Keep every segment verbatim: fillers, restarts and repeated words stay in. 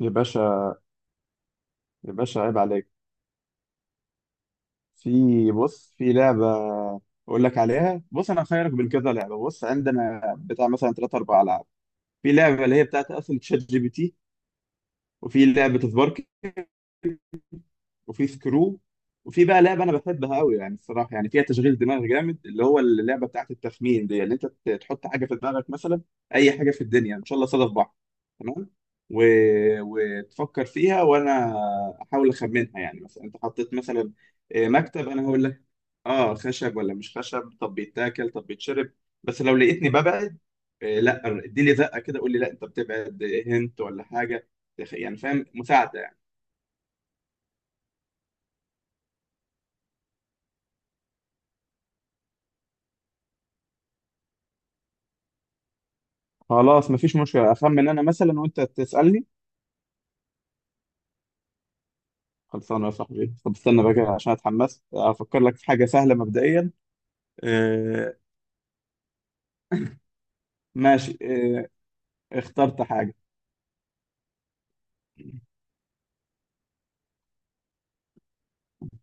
يا باشا، يا باشا عيب عليك. في بص في لعبة أقول لك عليها. بص أنا هخيرك بين كذا لعبة. بص عندنا بتاع مثلا ثلاث أربع ألعاب. في لعبة اللي هي بتاعت أصل تشات جي بي تي، وفي لعبة سبارك، وفي سكرو، وفي بقى لعبة أنا بحبها أوي يعني الصراحة يعني فيها تشغيل دماغ جامد، اللي هو اللعبة بتاعت التخمين دي، اللي أنت ت- تحط حاجة في دماغك، مثلا أي حاجة في الدنيا، إن شاء الله صادف بعض. تمام. و... وتفكر فيها وأنا أحاول أخمنها. يعني مثلا أنت حطيت مثلا آه، مكتب، انا هقول اه خشب ولا مش خشب، طب بيتاكل، طب بيتشرب. بس لو لقيتني ببعد، آه لا اديلي زقه كده، قول لي لا انت بتبعد، هنت ولا حاجه، يعني فاهم، مساعده يعني. خلاص مفيش مشكله، اخمن انا مثلا وانت تسالني. خلصانه يا صاحبي، طب استنى بقى كده عشان اتحمست افكر لك في حاجه سهله مبدئيا. آه. ماشي آه. اخترت حاجه.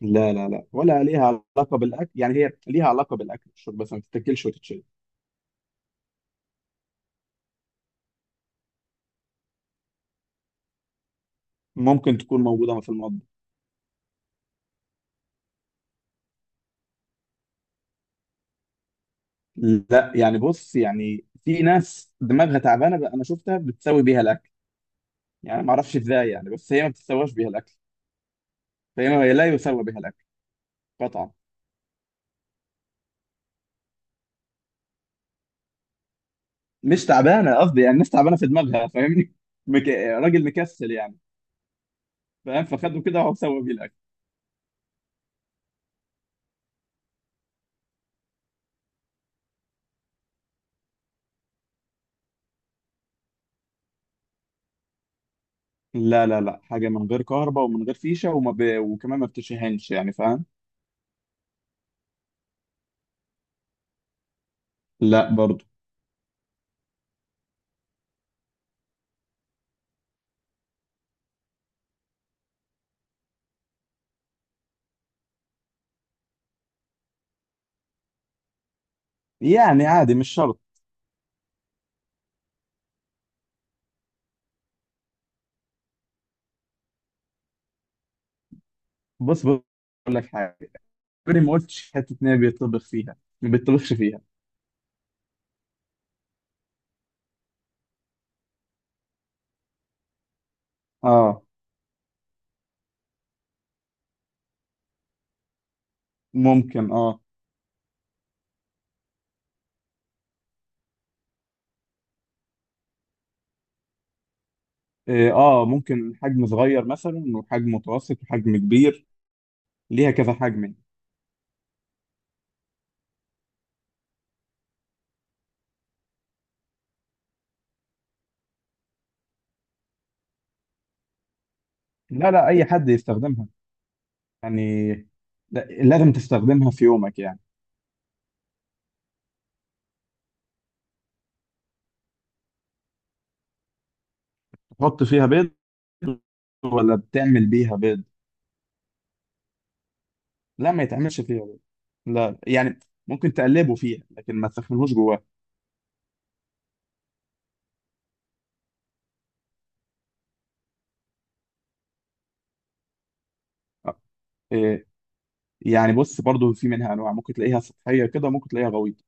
لا لا لا، ولا ليها علاقه بالاكل. يعني هي ليها علاقه بالاكل والشرب بس ما تتاكلش وتتشرب. ممكن تكون موجوده في المطبخ. لا يعني بص، يعني في ناس دماغها تعبانه بقى، انا شفتها بتسوي بيها الاكل، يعني ما اعرفش ازاي، يعني بس هي ما بتسواش بيها الاكل، فهي ما هي لا يسوى بيها الاكل قطعا. مش تعبانه قصدي، يعني الناس تعبانه في دماغها، فاهمني؟ مك... راجل مكسل يعني. فاهم، فخده كده وهو سوى بيه الاكل. لا لا لا، حاجه من غير كهرباء ومن غير فيشه، وما ب... وكمان ما بتشهنش، يعني فاهم. لا برضو. يعني عادي، مش شرط. بص بقول لك حاجه، عمري ما قلتش حته ان هي بيطبخ فيها، ما بيطبخش فيها. اه ممكن اه. إيه، اه ممكن حجم صغير مثلا وحجم متوسط وحجم كبير، ليها كذا حجم يعني. لا لا، اي حد يستخدمها يعني، لا- لازم تستخدمها في يومك يعني. تحط فيها بيض ولا بتعمل بيها بيض؟ لا ما يتعملش فيها بيض، لا يعني ممكن تقلبه فيها لكن ما تسخنهوش جواه. إيه، يعني بص برضو في منها انواع، ممكن تلاقيها سطحيه كده وممكن تلاقيها غويطه.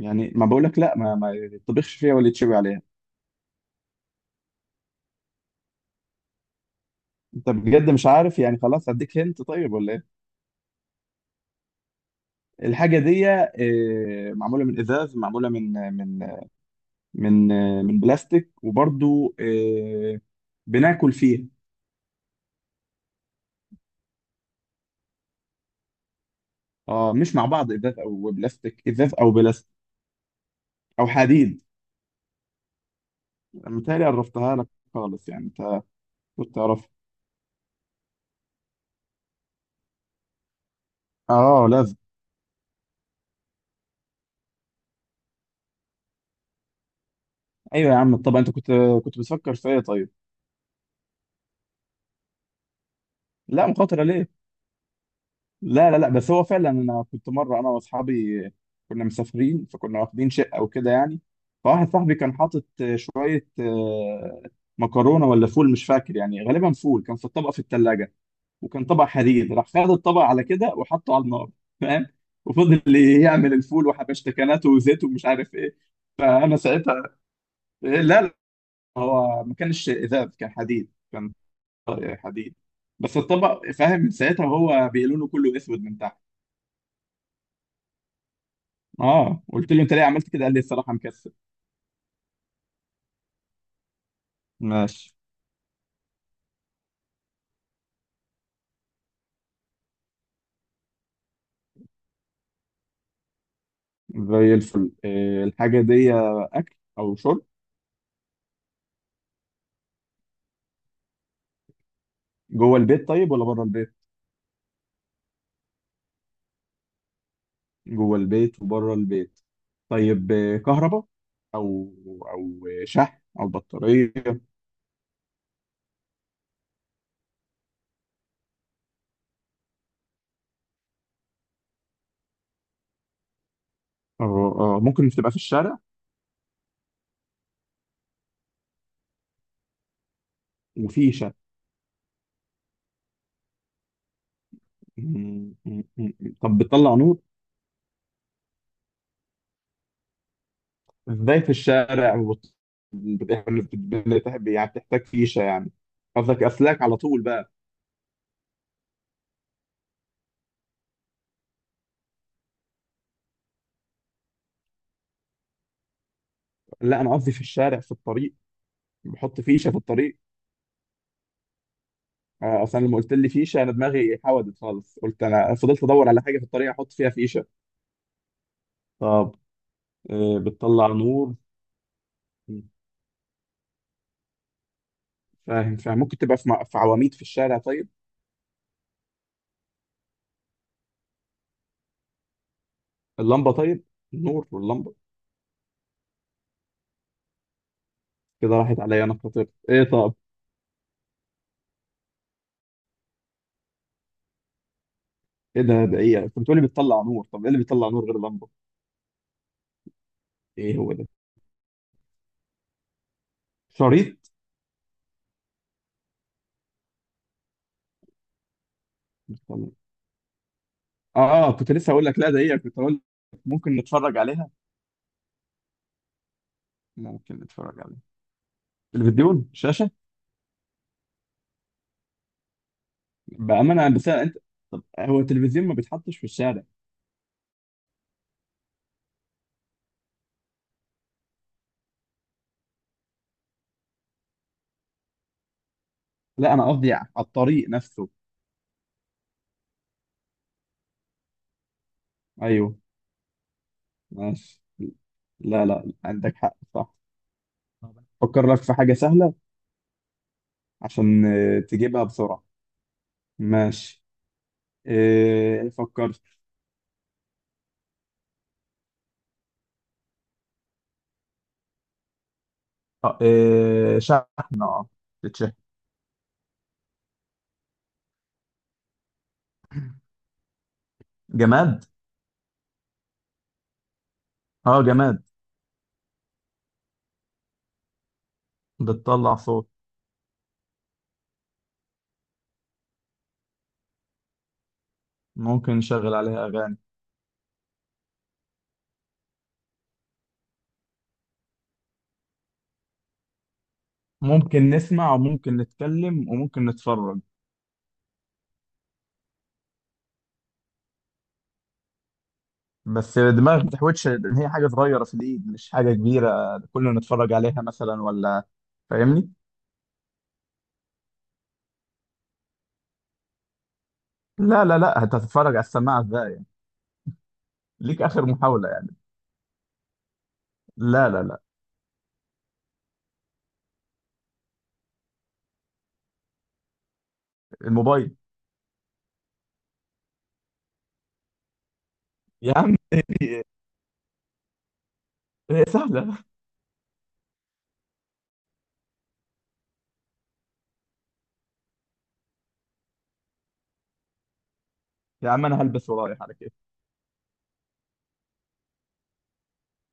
يعني ما بقولك لا، ما ما يطبخش فيها ولا يتشوي عليها. انت بجد مش عارف؟ يعني خلاص اديك هنت طيب ولا ايه. الحاجه دي آه، معموله من ازاز، معموله من من من آه، من بلاستيك، وبرضو آه، بناكل فيها. اه مش مع بعض، ازاز او بلاستيك، ازاز او بلاستيك او حديد. متهيألي قربتها لك خالص، يعني انت كنت تعرف. اه لازم. ايوه يا عم، طب انت كنت كنت بتفكر في ايه طيب؟ لا مخاطره ليه؟ لا لا لا، بس هو فعلا انا كنت مره انا واصحابي كنا مسافرين، فكنا واخدين شقه وكده يعني، فواحد صاحبي كان حاطط شويه آه، مكرونه ولا فول مش فاكر، يعني غالبا فول، كان في الطبق في الثلاجه، وكان طبق حديد، راح خد الطبق على كده وحطه على النار، فاهم؟ وفضل يعمل الفول وحبشتكناته وزيت ومش عارف ايه. فانا ساعتها إيه، لا لا، هو ما كانش ازاز، كان حديد، كان طبق حديد. بس الطبق فاهم من ساعتها هو بيقولوا له كله اسود من تحت. اه قلت له انت ليه عملت كده، قال لي الصراحه مكسل. ماشي. زي الفل. إيه الحاجه دي، اكل او شرب؟ جوه البيت طيب ولا بره البيت؟ جوه البيت وبره البيت. طيب آه، كهرباء او او شحن او بطاريه؟ اه آه، ممكن تبقى في الشارع وفي شحن. م- م- م- طب بتطلع نور؟ ازاي في الشارع؟ وبت- بت- بت- بت- يعني بتحتاج فيشه يعني، قصدك اسلاك على طول بقى. لا انا قصدي في الشارع في الطريق، بحط فيشه في الطريق؟ آه، اصلا لما قلت لي فيشه انا دماغي حودت خالص، قلت انا فضلت ادور على حاجه في الطريق احط فيها فيشه. طب آه، بتطلع نور. م. فاهم فاهم، ممكن تبقى في م- في عواميد في الشارع طيب. اللمبه طيب، النور واللمبه. كده راحت عليا، انا خطير. ايه طب؟ ايه ده ده ايه؟ كنت بتقولي بتطلع نور، طب ايه اللي بيطلع نور غير لمبه؟ ايه هو ده، شريط بتطلع. اه آه، كنت لسه هقول لك لا ده هي، كنت هقول لك ممكن نتفرج عليها. ممكن نتفرج عليها، تلفزيون، شاشه. بامانه بس أنا- انت طب هو التلفزيون ما بيتحطش في الشارع. لا انا قصدي على الطريق نفسه. ايوه. ماشي. لا لا، عندك حق صح. طب فكر لك في حاجة سهلة عشان آه، تجيبها بسرعة. ماشي. إيه فكرت؟ آه، إيه شحن اه، بتشحن. جماد. اه جماد. بتطلع صوت، ممكن نشغل عليها أغاني. ممكن نسمع وممكن نتكلم وممكن نتفرج. بس الدماغ ما تحوتش إن هي حاجة صغيرة في الإيد، مش حاجة كبيرة كلنا نتفرج عليها مثلا، ولا فاهمني؟ لا لا لا، انت هتتفرج على السماعه ازاي يعني؟ ليك اخر محاوله يعني. لا لا لا. الموبايل. يا عم هي سهله. يا عم انا هلبس ورايح على كده.